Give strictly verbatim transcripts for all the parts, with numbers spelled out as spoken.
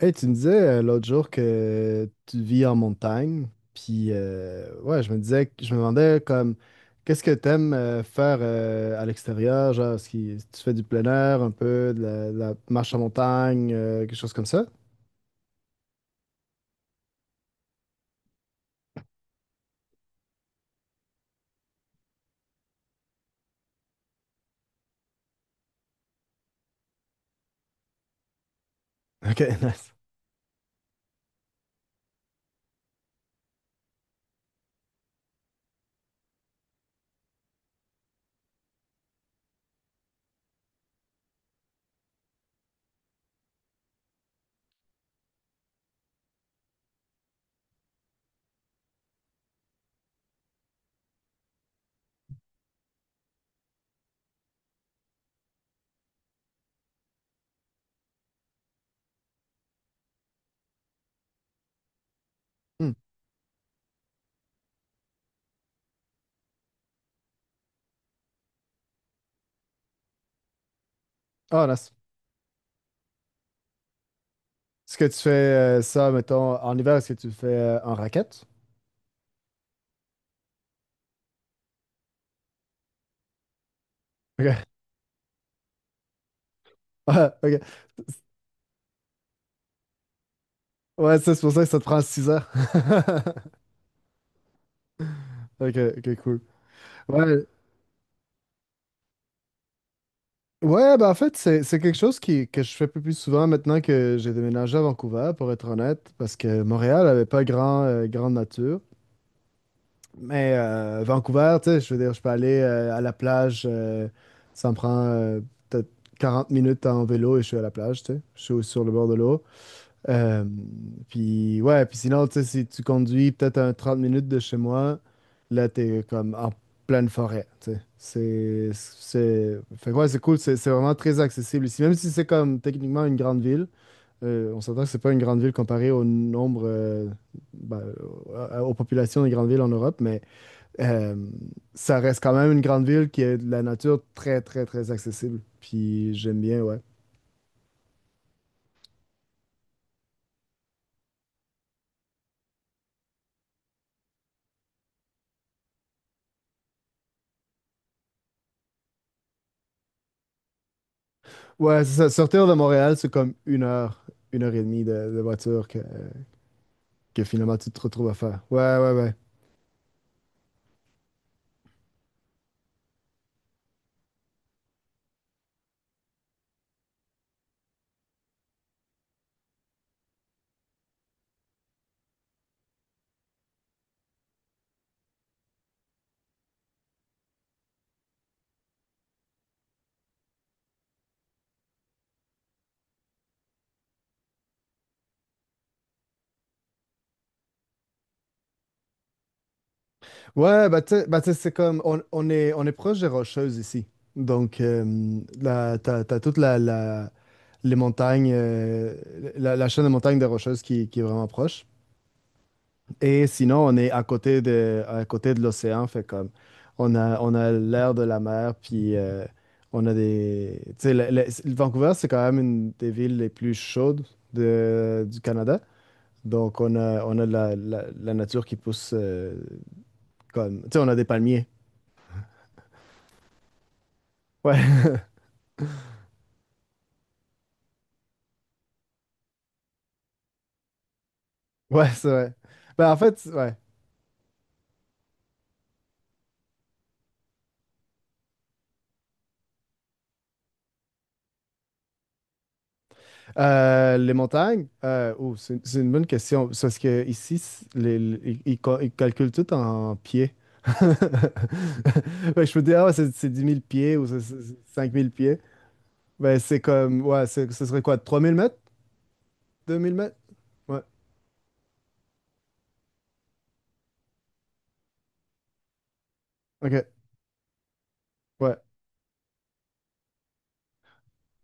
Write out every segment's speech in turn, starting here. Hey, tu me disais, euh, l'autre jour que tu vis en montagne, puis euh, ouais, je me disais, je me demandais comme, qu'est-ce que t'aimes euh, faire, euh, à l'extérieur, genre, est-ce que tu fais du plein air, un peu, de la, de la marche en montagne, euh, quelque chose comme ça? Ok, nice. Hmm. Ah, nice. Est-ce que tu fais, euh, ça, mettons, en hiver, est-ce que tu le fais euh, en raquette? Ok. Ah, ok. Ouais, ça, c'est pour ça que ça te prend six heures. Ok, ok, cool. Ouais. Ouais, ben en fait, c'est c'est quelque chose qui, que je fais plus, plus souvent maintenant que j'ai déménagé à Vancouver, pour être honnête, parce que Montréal avait pas grand, euh, grande nature. Mais euh, Vancouver, tu sais, je veux dire, je peux aller euh, à la plage. Euh, ça me prend, euh, peut-être quarante minutes en vélo, et je suis à la plage, tu sais. Je suis sur le bord de l'eau. Euh, puis ouais, puis sinon, tu sais, si tu conduis peut-être un trente minutes de chez moi, là, t'es comme en pleine forêt, tu sais. C'est, c'est... Fait que ouais, c'est cool, c'est c'est vraiment très accessible ici. Même si c'est comme techniquement une grande ville, euh, on s'entend que c'est pas une grande ville comparée au nombre, euh, ben, euh, aux populations des grandes villes en Europe. Mais euh, ça reste quand même une grande ville qui a de la nature très, très, très accessible. Puis j'aime bien, ouais. Ouais, c'est ça. Sortir de Montréal, c'est comme une heure, une heure et demie de, de voiture que, que finalement tu te retrouves à faire. Ouais, ouais, ouais. Ouais, bah tu sais, bah, tu sais, c'est comme, on, on est, on est proche des Rocheuses ici. Donc, euh, la- t'as, t'as toute la, la- les montagnes, euh, la, la chaîne de montagnes des Rocheuses qui, qui est vraiment proche. Et sinon, on est à côté de, à côté de l'océan, fait comme on a, on a l'air de la mer, puis euh, on a des. Tu sais, le- le- Vancouver, c'est quand même une des villes les plus chaudes de- du Canada. Donc, on a, on a la, la- la nature qui pousse, euh, comme. Tu sais, on a des palmiers. Ouais, ouais, c'est vrai. Ben, en fait, ouais. Euh, les montagnes, euh, oh, c'est c'est une bonne question. C'est parce que ici, c- les- les- ils, cal- ils calculent tout en pieds. Fait je peux dire, ah, ouais, c'est c'est dix mille pieds ou c'est c'est- c'est cinq mille pieds. Ben, c'est comme, ouais, c'est- ce serait quoi, trois mille mètres? Deux mille mètres? Ouais, ok, ouais.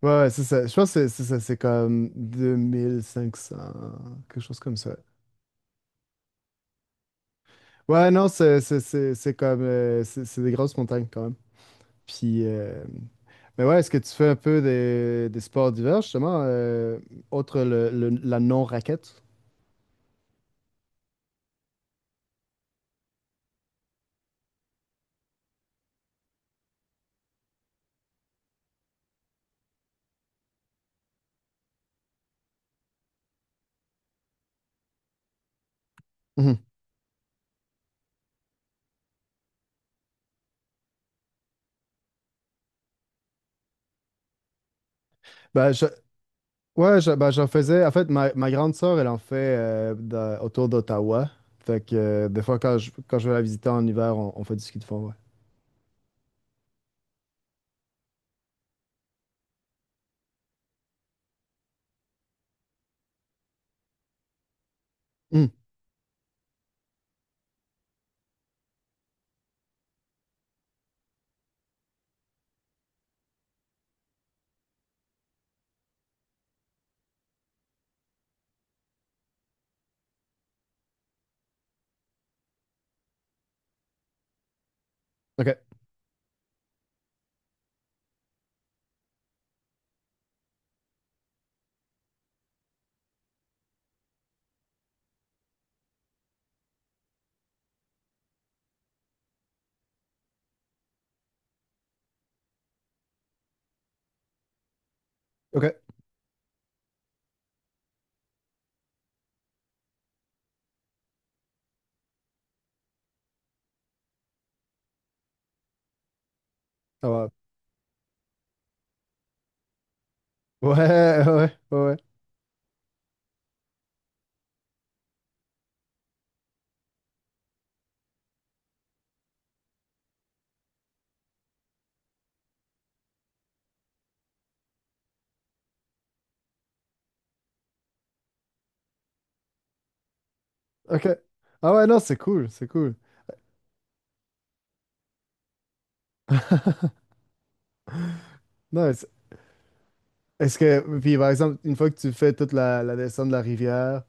Ouais, ouais, c'est ça. Je pense que c'est c'est ça, c'est comme deux mille cinq cents, quelque chose comme ça. Ouais, non, c'est c'est- c'est- c'est comme, euh, c'est c'est des grosses montagnes quand même. Puis, euh, mais ouais, est-ce que tu fais un peu des, des sports d'hiver, justement, euh, autre le, le- la non-raquette? Mhm. Ben, je, ouais, je- ben, j'en faisais. En fait, ma, ma grande sœur, elle en fait, euh, dans- autour d'Ottawa. Fait que euh, des fois, quand je, quand je vais la visiter en hiver, on, on fait du ski de fond, ouais. Mhm. OK, OK, ça va. Ouais, ouais, ouais, ouais. OK. Ah ouais, non, c'est cool, c'est cool. Non, est-ce est-ce que, puis par exemple, une fois que tu fais toute la, la descente de la rivière,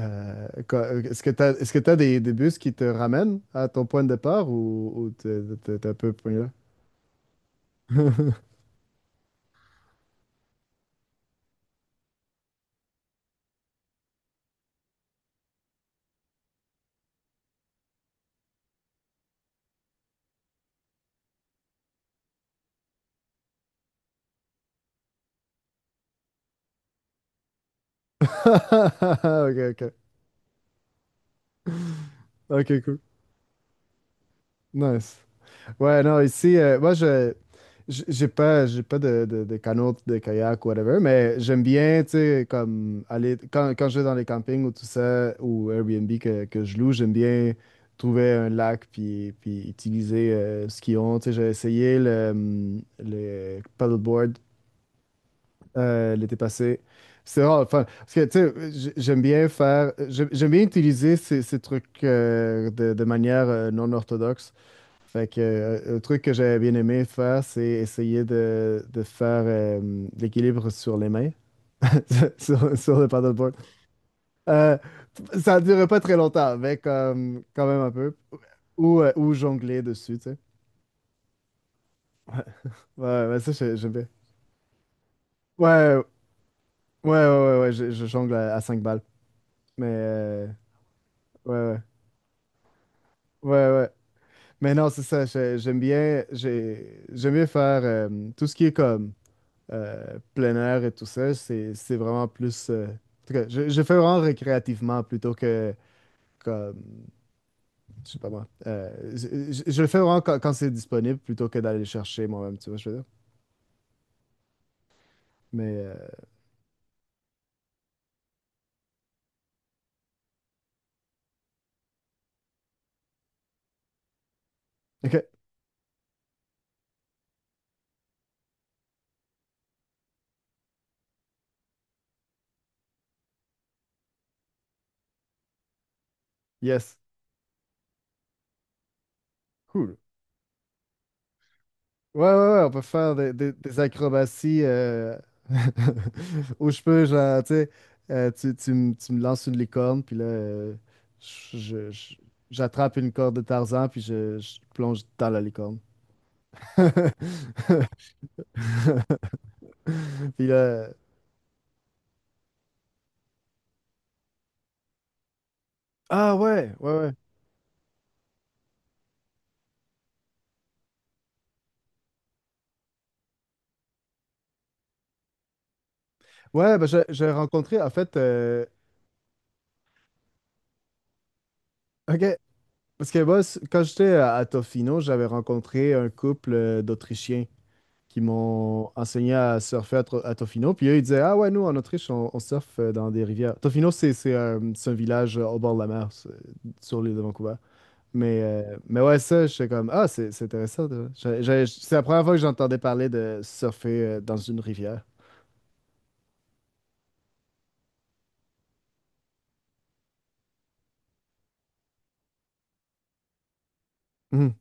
Euh, quoi, euh, est-ce que tu as, est-ce que t'as des, des bus qui te ramènent à ton point de départ, ou, ou t'es, t'es- t'es un peu pris là? Ok, ok. Ok, cool. Nice. Ouais, non, ici, euh, moi, je, j- j'ai pas, j'ai pas de, de, de canot, de kayak, whatever, mais j'aime bien, tu sais, comme aller, quand, quand je vais dans les campings ou tout ça, ou Airbnb que, que je loue, j'aime bien trouver un lac, puis, puis utiliser, euh, ce qu'ils ont. Tu sais, j'ai essayé le, hum, le paddleboard, euh, l'été passé. C'est rare, enfin, parce que, tu sais, j- j'aime bien faire, j'aime j'aime bien utiliser ces, ces trucs, euh, de, de manière, euh, non orthodoxe. Fait que, euh, un truc que j'avais bien aimé faire, c'est essayer de, de faire, euh, l'équilibre sur les mains, sur, sur le paddleboard. Euh, ça ne durait pas très longtemps, mais comme, quand même un peu. Ou, euh, ou jongler dessus, tu sais. Ouais, ouais, ça, j'ai- j'aime bien. Ouais, ouais, ouais, ouais, ouais, je, je jongle à, à cinq balles. Mais, euh, ouais, ouais. Ouais, ouais. Mais non, c'est ça. j'ai- J'aime bien, j'ai, j'aime bien faire, euh, tout ce qui est comme, euh, plein air et tout ça. C'est, c'est vraiment plus. euh, en tout cas, je, je fais vraiment récréativement plutôt que comme. Je sais pas moi. Euh, je, je- je le fais vraiment quand, quand c'est disponible plutôt que d'aller le chercher moi-même, tu vois, je veux dire. Mais. euh, OK. Yes. Cool. Ouais, ouais, ouais, on peut faire des, des- des acrobaties, euh, où je peux genre, tu sais, euh, tu, tu me tu me lances une licorne, puis là, euh, je- je- je- j'attrape une corde de Tarzan, puis je, je plonge dans la licorne. Puis là, ah ouais, ouais, ouais. Ouais, ben, j'ai j'ai rencontré, en fait, euh, ok, parce que moi, c- quand j'étais à, à Tofino, j'avais rencontré un couple, euh, d'Autrichiens qui m'ont enseigné à surfer à, Tro- à Tofino. Puis eux, ils disaient, ah ouais, nous, en Autriche, on, on surfe, euh, dans des rivières. Tofino, c'est c'est, euh, c'est un village, euh, au bord de la mer, c'est- sur l'île de Vancouver. Mais, euh, mais ouais, ça, j'étais comme, ah, c'est c'est intéressant. de- j'ai- j'ai- C'est la première fois que j'entendais parler de surfer, euh, dans une rivière. Mhm,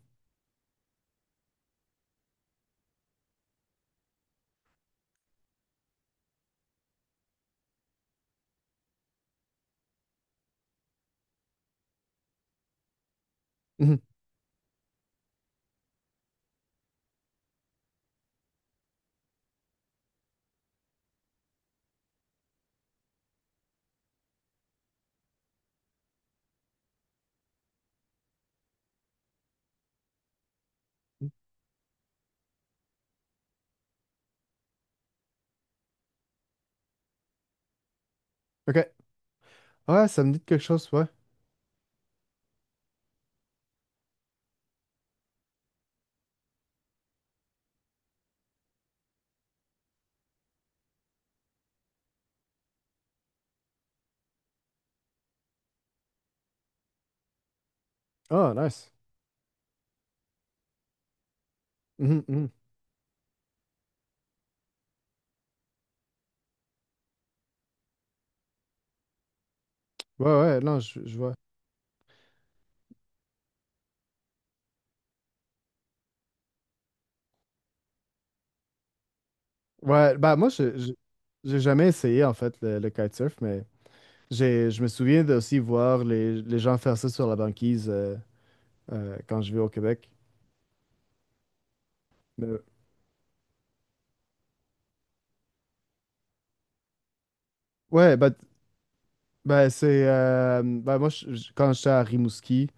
mhm. OK. Ouais, ça me dit de quelque chose, ouais. Ah, nice. Mhm, mhm. Ouais, ouais, non, je, je vois. Ouais, bah moi, je, je- j'ai jamais essayé, en fait, le, le kitesurf, mais... J'ai, je me souviens de aussi voir les, les gens faire ça sur la banquise, euh, euh, quand je vais au Québec. Mais- ouais, bah, bah, c'est. euh, bah, moi, je- je- quand j'étais à Rimouski,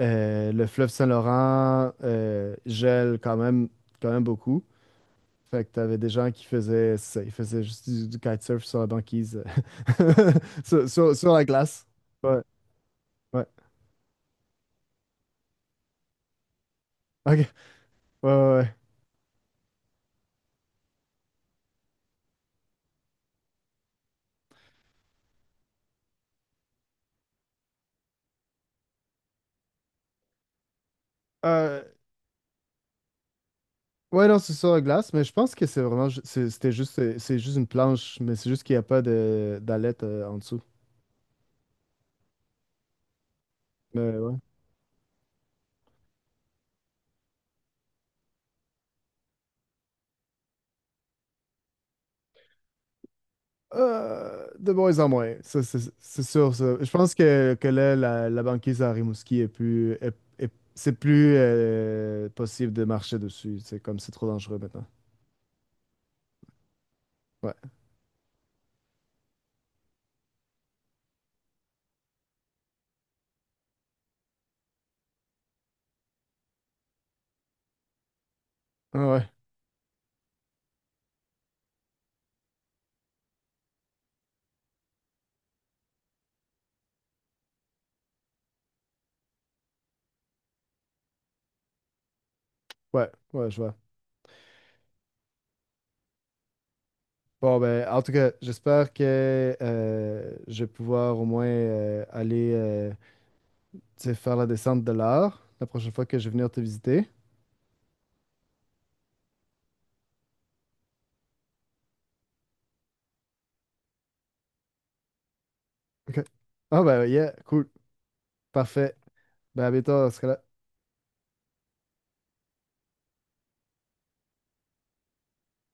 euh, le fleuve Saint-Laurent, euh, gèle quand même, quand même beaucoup. Fait que t'avais des gens qui faisaient ça, ils faisaient juste du, du kitesurf sur la banquise, euh, sur, sur, sur la glace. Ouais, ouais. Ok, ouais, ouais, ouais. Euh, Ouais, non, c'est sur la glace, mais je pense que c'est vraiment, ju- c'est- c'était juste, euh, c'est juste une planche, mais c'est juste qu'il n'y a pas de d'ailettes, euh, en dessous. Mais ouais. Euh, de moins en moins, ça, c'est c'est sûr, ça. Je pense que, que là, la, la banquise à Rimouski est plus, est- est- c'est plus, euh, possible de marcher dessus. C'est comme c'est trop dangereux maintenant. Ouais, ah ouais, ouais, ouais, je vois. Bon, ben, en tout cas, j'espère que, euh, je vais pouvoir au moins, euh, aller, euh, tu sais, faire la descente de l'art la prochaine fois que je vais venir te visiter. OK. Ah, bah, yeah, cool. Parfait. Ben, à bientôt, dans ce cas-là.